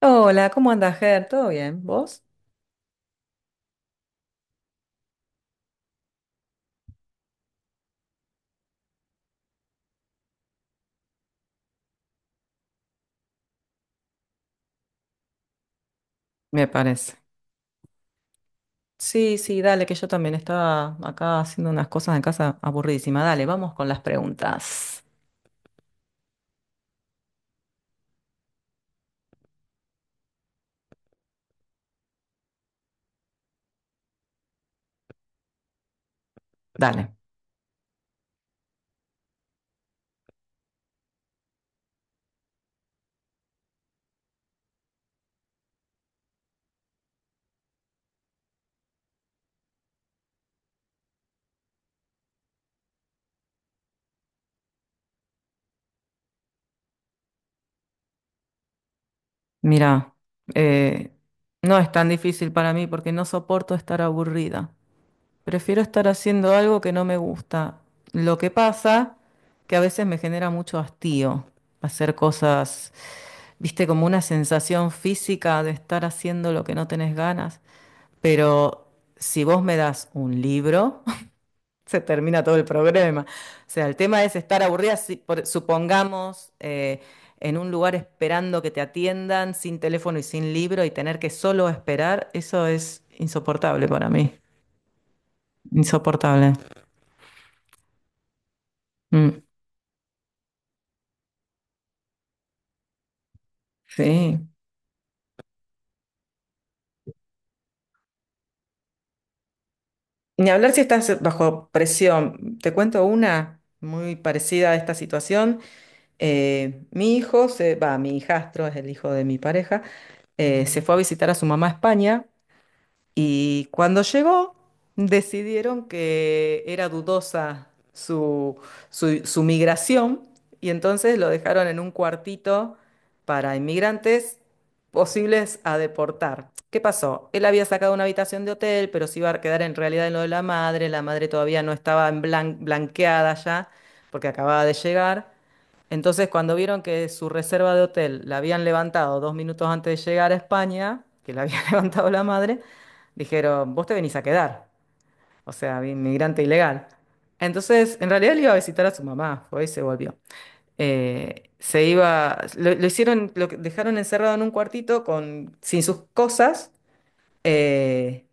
Hola, ¿cómo andas, Ger? ¿Todo bien? ¿Vos? Me parece. Sí, sí, dale, que yo también estaba acá haciendo unas cosas en casa aburridísima. Dale, vamos con las preguntas. Dale. Mira, eh, no es tan difícil para mí porque no soporto estar aburrida. Prefiero estar haciendo algo que no me gusta. Lo que pasa que a veces me genera mucho hastío hacer cosas, viste, como una sensación física de estar haciendo lo que no tenés ganas. Pero si vos me das un libro, se termina todo el problema. O sea, el tema es estar aburrida, supongamos, en un lugar esperando que te atiendan, sin teléfono y sin libro, y tener que solo esperar, eso es insoportable para mí. Insoportable. Mm, sí. Ni hablar si estás bajo presión. Te cuento una muy parecida a esta situación. Mi hijo, mi hijastro es el hijo de mi pareja, se fue a visitar a su mamá a España y cuando llegó decidieron que era dudosa su migración y entonces lo dejaron en un cuartito para inmigrantes posibles a deportar. ¿Qué pasó? Él había sacado una habitación de hotel, pero se iba a quedar en realidad en lo de la madre todavía no estaba en blanqueada ya porque acababa de llegar. Entonces, cuando vieron que su reserva de hotel la habían levantado 2 minutos antes de llegar a España, que la había levantado la madre, dijeron, vos te venís a quedar, o sea, inmigrante ilegal. Entonces, en realidad él iba a visitar a su mamá, fue y se volvió. Se iba, lo hicieron, dejaron encerrado en un cuartito sin sus cosas, eh,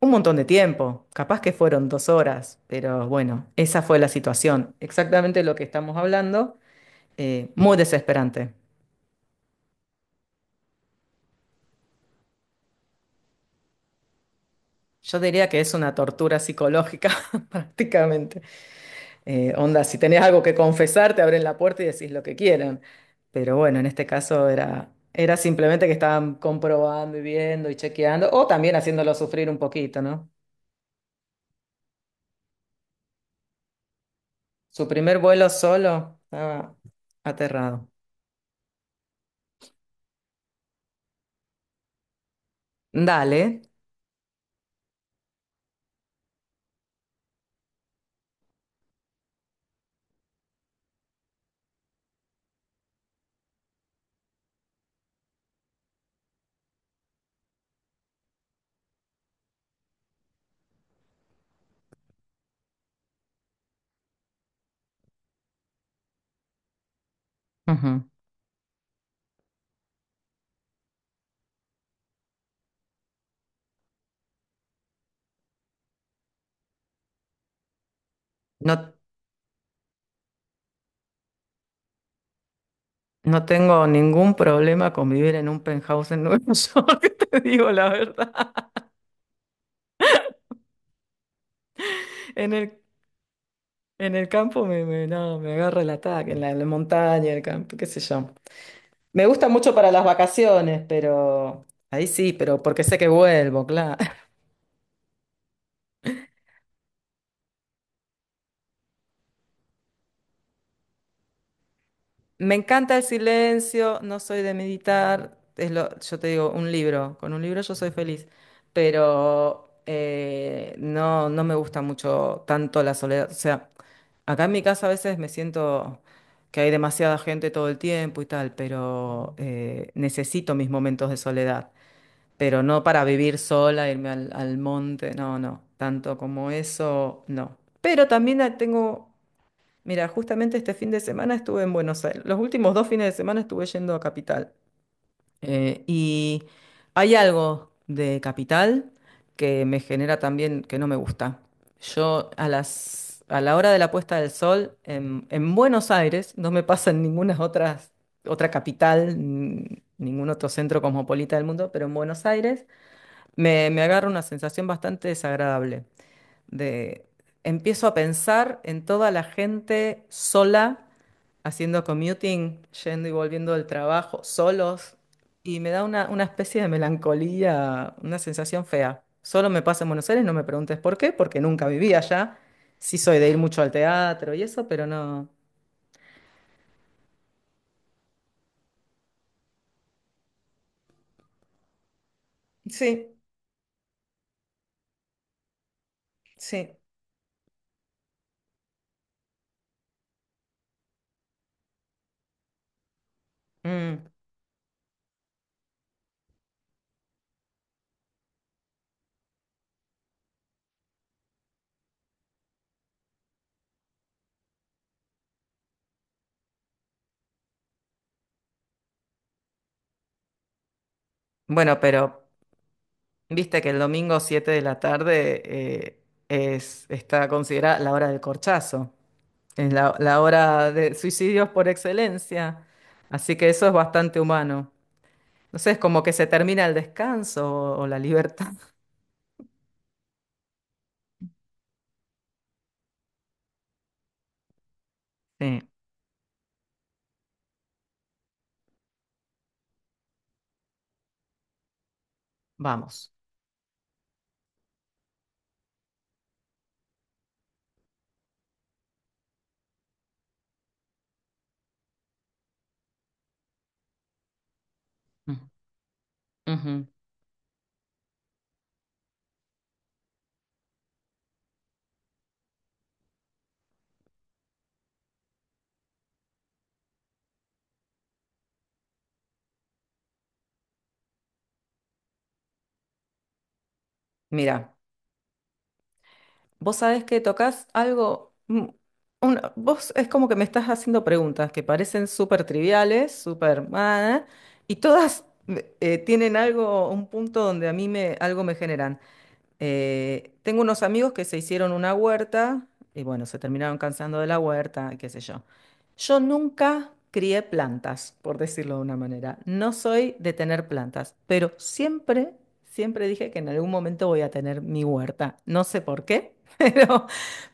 un montón de tiempo, capaz que fueron 2 horas, pero bueno, esa fue la situación, exactamente lo que estamos hablando, muy desesperante. Yo diría que es una tortura psicológica prácticamente. Onda, si tenés algo que confesar, te abren la puerta y decís lo que quieran. Pero bueno, en este caso era simplemente que estaban comprobando y viendo y chequeando, o también haciéndolo sufrir un poquito, ¿no? Su primer vuelo solo estaba aterrado. Dale. Ujú. No, no tengo ningún problema con vivir en un penthouse en Nueva York, te digo la verdad. En el En el campo no, me agarra el ataque, en la montaña, el campo, qué sé yo. Me gusta mucho para las vacaciones, pero ahí sí, pero porque sé que vuelvo, claro. Me encanta el silencio, no soy de meditar, es lo, yo te digo, un libro, con un libro yo soy feliz, pero no, no me gusta mucho tanto la soledad. O sea, acá en mi casa a veces me siento que hay demasiada gente todo el tiempo y tal, pero necesito mis momentos de soledad. Pero no para vivir sola, irme al monte, no, no, tanto como eso, no. Pero también tengo, mira, justamente este fin de semana estuve en Buenos Aires, los últimos 2 fines de semana estuve yendo a Capital. Y hay algo de Capital que me genera también que no me gusta. Yo a la hora de la puesta del sol en Buenos Aires, no me pasa en otra capital, ningún otro centro cosmopolita del mundo, pero en Buenos Aires me agarra una sensación bastante desagradable de empiezo a pensar en toda la gente sola, haciendo commuting, yendo y volviendo del trabajo, solos, y me da una especie de melancolía, una sensación fea. Solo me pasa en Buenos Aires, no me preguntes por qué, porque nunca viví allá. Sí soy de ir mucho al teatro y eso, pero no. Sí, sí. Mm. Bueno, pero viste que el domingo 7 de la tarde está considerada la hora del corchazo, es la hora de suicidios por excelencia, así que eso es bastante humano. No sé, es como que se termina el descanso o la libertad. Sí, vamos. Mm, ujú. Mira. Vos sabés que tocas algo, vos es como que me estás haciendo preguntas que parecen súper triviales, súper, ah, y todas tienen algo, un punto donde a mí me, algo me generan. Tengo unos amigos que se hicieron una huerta y bueno, se terminaron cansando de la huerta, qué sé yo. Yo nunca crié plantas, por decirlo de una manera. No soy de tener plantas, pero siempre, siempre dije que en algún momento voy a tener mi huerta. No sé por qué,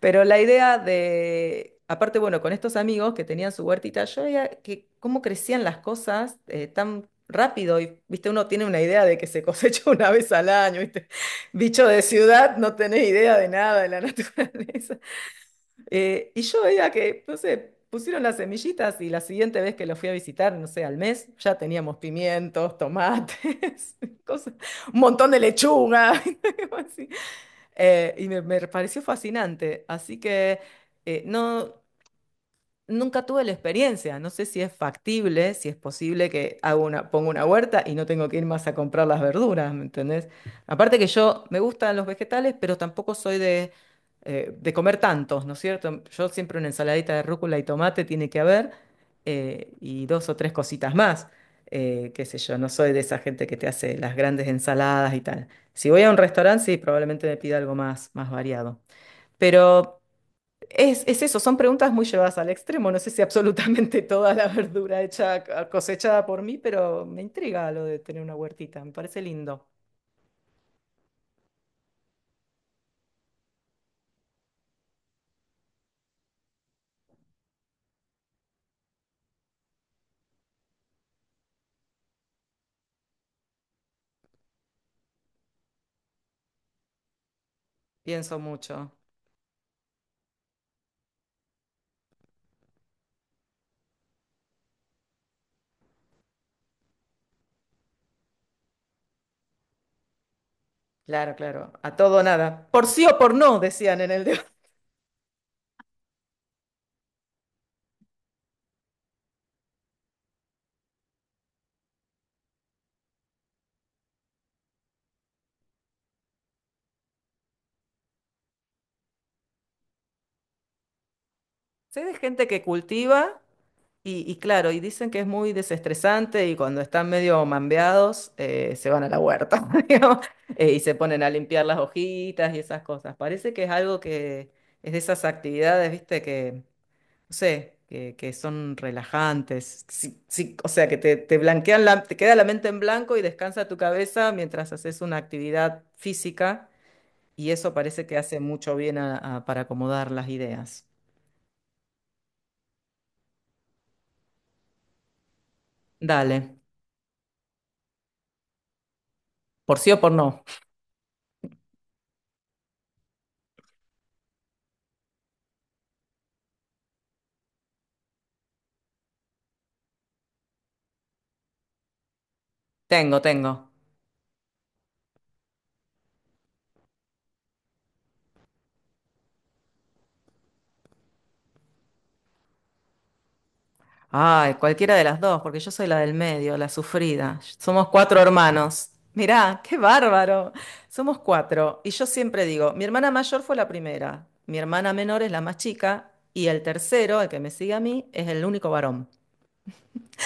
pero la idea de, aparte, bueno, con estos amigos que tenían su huertita, yo veía que cómo crecían las cosas tan rápido y, viste, uno tiene una idea de que se cosecha una vez al año, ¿viste? Bicho de ciudad, no tenés idea de nada de la naturaleza. Y yo veía que, no sé, pusieron las semillitas y la siguiente vez que lo fui a visitar, no sé, al mes, ya teníamos pimientos, tomates, cosas, un montón de lechuga. Así. Y me pareció fascinante. Así que no. Nunca tuve la experiencia, no sé si es factible, si es posible que haga una, ponga una huerta y no tengo que ir más a comprar las verduras, ¿me entendés? Aparte que yo me gustan los vegetales, pero tampoco soy de comer tantos, ¿no es cierto? Yo siempre una ensaladita de rúcula y tomate tiene que haber, y dos o tres cositas más, qué sé yo, no soy de esa gente que te hace las grandes ensaladas y tal. Si voy a un restaurante, sí, probablemente me pida algo más, más variado. Pero... Es eso, son preguntas muy llevadas al extremo. No sé si absolutamente toda la verdura hecha, ah, cosechada por mí, pero me intriga lo de tener una huertita. Me parece lindo. Pienso mucho. Claro, claro. A todo o nada. Por sí o por no, decían en el debate. Sé de gente que cultiva y claro, y dicen que es muy desestresante y cuando están medio mambeados se van a la huerta, digamos, y se ponen a limpiar las hojitas y esas cosas. Parece que es algo que es de esas actividades, viste, que no sé, que son relajantes, sí, o sea, que te blanquean la, te queda la mente en blanco y descansa tu cabeza mientras haces una actividad física y eso parece que hace mucho bien para acomodar las ideas. Dale, por sí o por no. Tengo, tengo. Ay, cualquiera de las dos, porque yo soy la del medio, la sufrida. Somos cuatro hermanos. Mirá, qué bárbaro. Somos cuatro. Y yo siempre digo, mi hermana mayor fue la primera, mi hermana menor es la más chica y el tercero, el que me sigue a mí, es el único varón.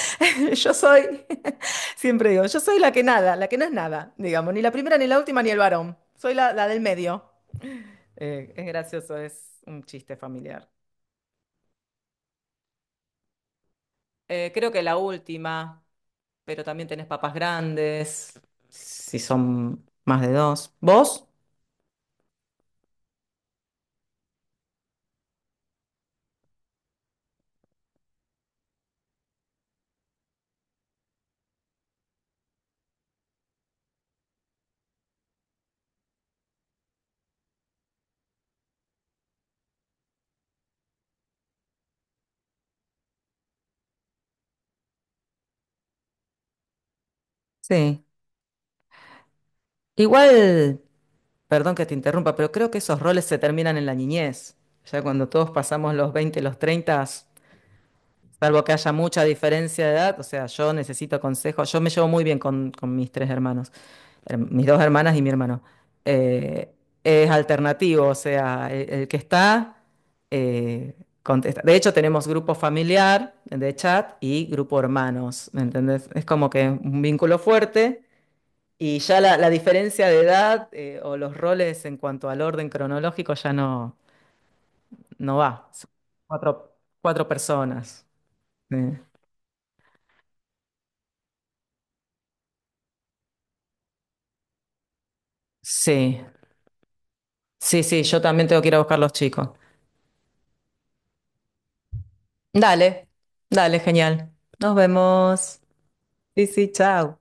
Yo soy, siempre digo, yo soy la que nada, la que no es nada, digamos, ni la primera, ni la última, ni el varón. Soy la, la del medio. Es gracioso, es un chiste familiar. Creo que la última, pero también tenés papas grandes, si son más de dos. ¿Vos? Sí. Igual, perdón que te interrumpa, pero creo que esos roles se terminan en la niñez. Ya cuando todos pasamos los 20 los 30, salvo que haya mucha diferencia de edad, o sea, yo necesito consejos. Yo me llevo muy bien con mis tres hermanos, mis dos hermanas y mi hermano. Eh, es alternativo, o sea, el que está eh, contesta. De hecho, tenemos grupo familiar de chat y grupo hermanos, ¿me entendés? Es como que un vínculo fuerte y ya la diferencia de edad o los roles en cuanto al orden cronológico ya no, no va. Son cuatro, cuatro personas. eh. Sí, sí, sí, yo también tengo que ir a buscar los chicos. Dale, dale, genial. Nos vemos. Sí, sí, chao.